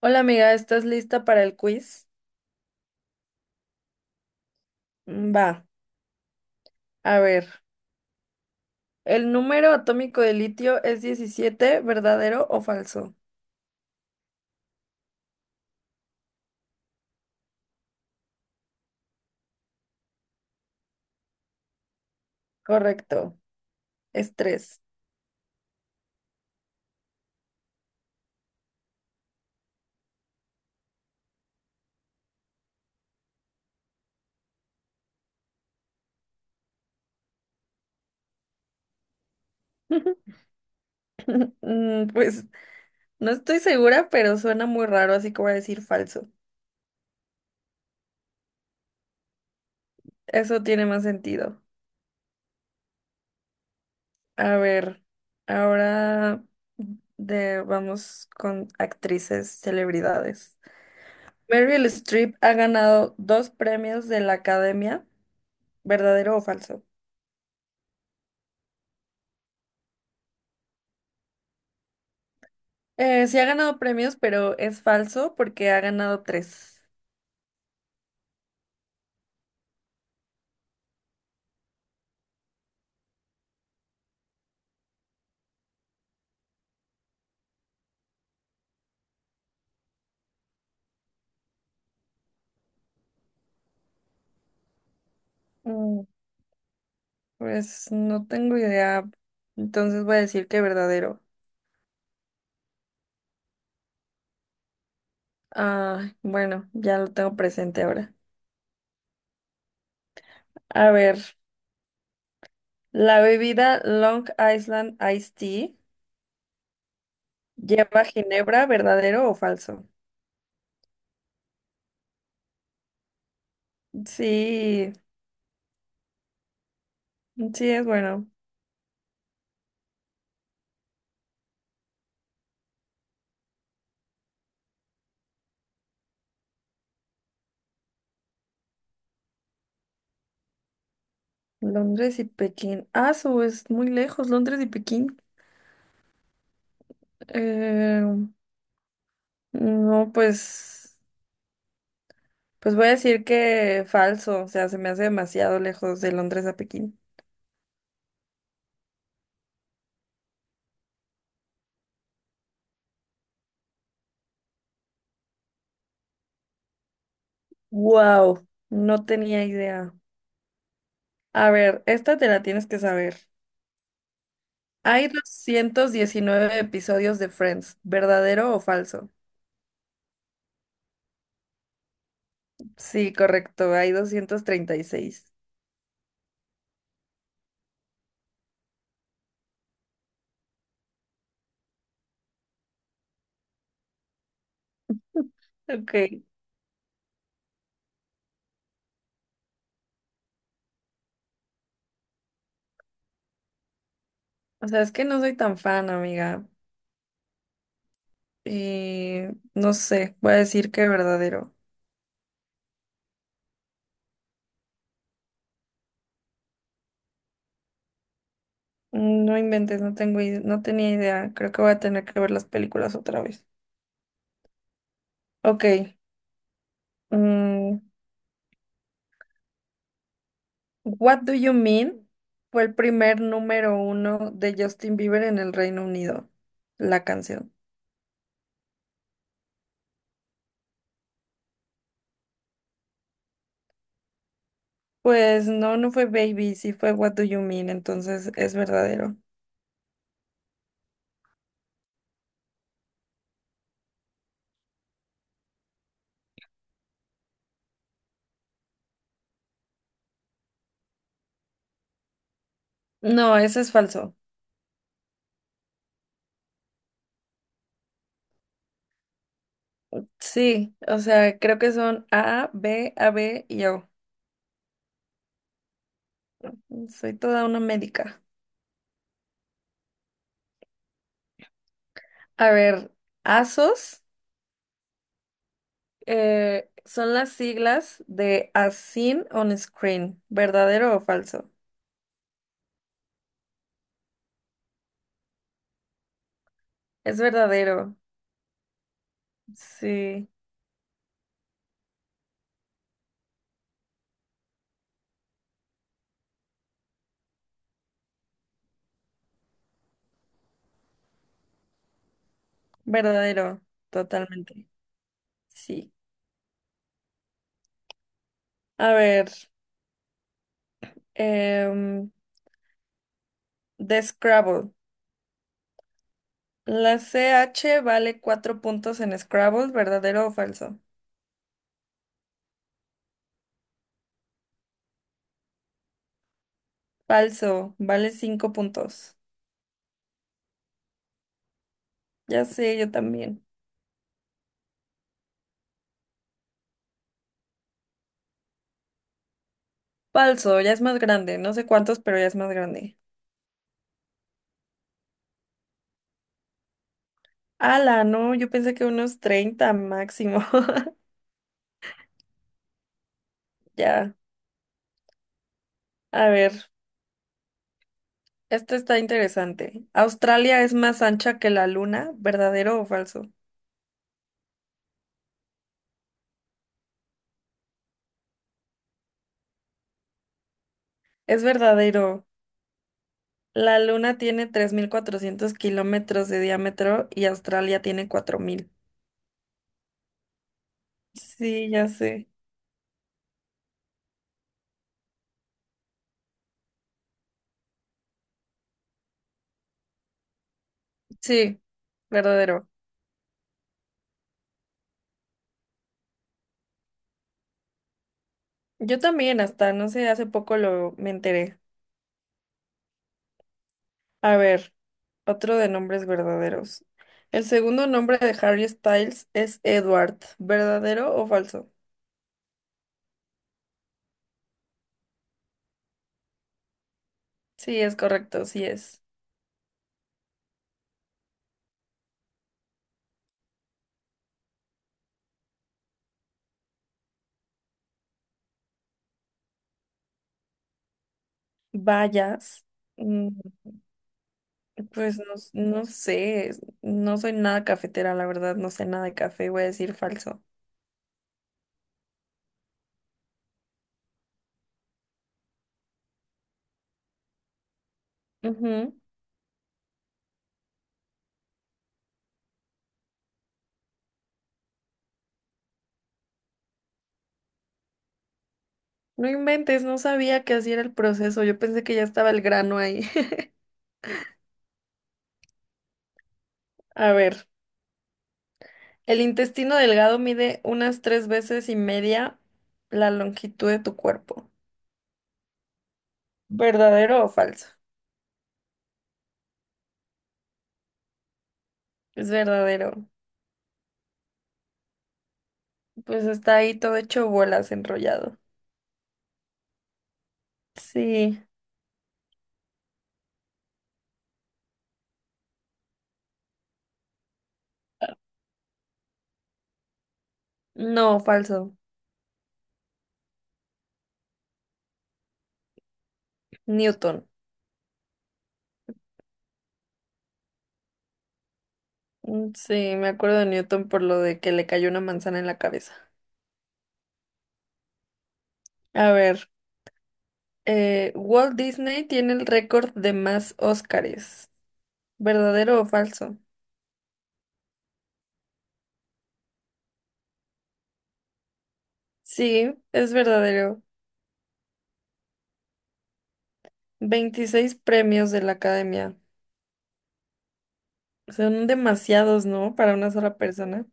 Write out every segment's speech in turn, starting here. Hola amiga, ¿estás lista para el quiz? Va, a ver. ¿El número atómico de litio es 17, verdadero o falso? Correcto, es tres. Pues no estoy segura, pero suena muy raro, así que voy a decir falso. Eso tiene más sentido. A ver, ahora vamos con actrices, celebridades. Meryl Streep ha ganado dos premios de la Academia, ¿verdadero o falso? Sí ha ganado premios, pero es falso porque ha ganado tres. Mm, Pues no tengo idea. Entonces voy a decir que verdadero. Ah, bueno, ya lo tengo presente ahora. A ver, la bebida Long Island Iced Tea lleva ginebra, ¿verdadero o falso? Sí, sí es bueno. Londres y Pekín. Ah, su es muy lejos, Londres y Pekín. Eh, no, pues. Pues voy a decir que falso, o sea, se me hace demasiado lejos de Londres a Pekín. Wow, no tenía idea. A ver, esta te la tienes que saber. Hay 219 episodios de Friends, ¿verdadero o falso? Sí, correcto, hay 236. Ok. O sea, es que no soy tan fan, amiga. Y no sé, voy a decir que verdadero. No inventes, no tenía idea. Creo que voy a tener que ver las películas otra vez. Ok. mm, What Do You Mean fue el primer número uno de Justin Bieber en el Reino Unido, la canción. Pues no, no fue Baby, sí fue What Do You Mean, entonces es verdadero. No, eso es falso. Sí, o sea, creo que son A, B, A, B y O. Soy toda una médica. A ver, ASOS son las siglas de As Seen on Screen, ¿verdadero o falso? Es verdadero, sí. Verdadero, totalmente. Sí. A ver, em, de Scrabble. La C H vale cuatro puntos en Scrabble, ¿verdadero o falso? Falso, vale cinco puntos. Ya sé, yo también. Falso, ya es más grande, no sé cuántos, pero ya es más grande. Ala, no, yo pensé que unos 30 máximo. Ya, a ver, esto está interesante. ¿Australia es más ancha que la luna? ¿Verdadero o falso? Es verdadero. La Luna tiene 3.400 kilómetros de diámetro y Australia tiene 4.000. Sí, ya sé. Sí, verdadero. Yo también, hasta no sé, hace poco lo me enteré. A ver, otro de nombres verdaderos. El segundo nombre de Harry Styles es Edward. ¿Verdadero o falso? Sí, es correcto, sí es. Vayas. Mm, Pues no, no sé, no soy nada cafetera, la verdad, no sé nada de café, voy a decir falso. Ujú. No inventes, no sabía que así era el proceso. Yo pensé que ya estaba el grano ahí. A ver, el intestino delgado mide unas tres veces y media la longitud de tu cuerpo. ¿Verdadero o falso? Es verdadero. Pues está ahí todo hecho bolas, enrollado. Sí, no, falso. Newton. Mm, sí, me acuerdo de Newton por lo de que le cayó una manzana en la cabeza. A ver, Walt Disney tiene el récord de más Óscares. ¿Verdadero o falso? Sí, es verdadero. 26 premios de la academia. Son demasiados, ¿no? Para una sola persona.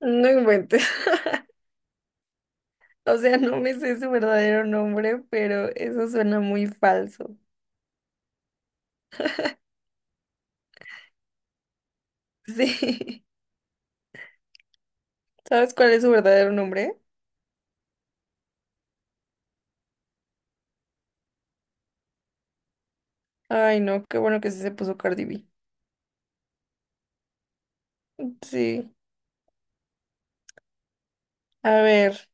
No inventes. O sea, no me sé su verdadero nombre, pero eso suena muy falso. Sí. ¿Sabes cuál es su verdadero nombre? Ay, no, qué bueno que sí se puso Cardi B. Sí. A ver,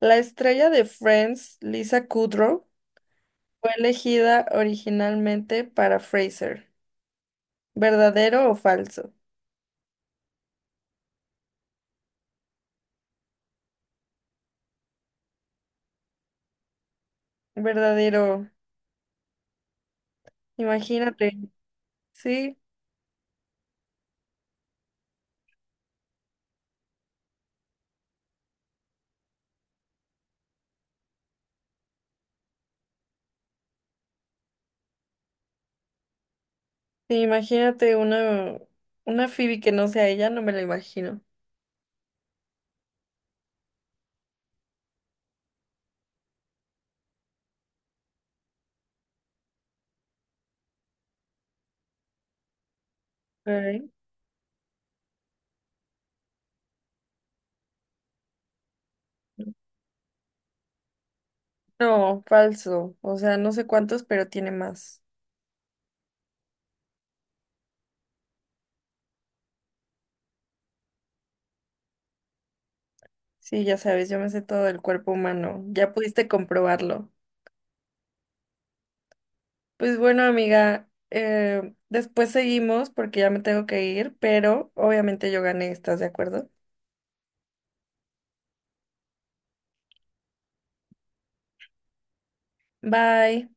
la estrella de Friends, Lisa Kudrow, fue elegida originalmente para Fraser. ¿Verdadero o falso? Verdadero. Imagínate, sí, sí, imagínate una Phoebe que no sea ella, no me la imagino. Ok. No, falso. O sea, no sé cuántos, pero tiene más. Sí, ya sabes, yo me sé todo del cuerpo humano. Ya pudiste comprobarlo. Pues bueno, amiga, después seguimos porque ya me tengo que ir, pero obviamente yo gané, ¿estás de acuerdo? Bye.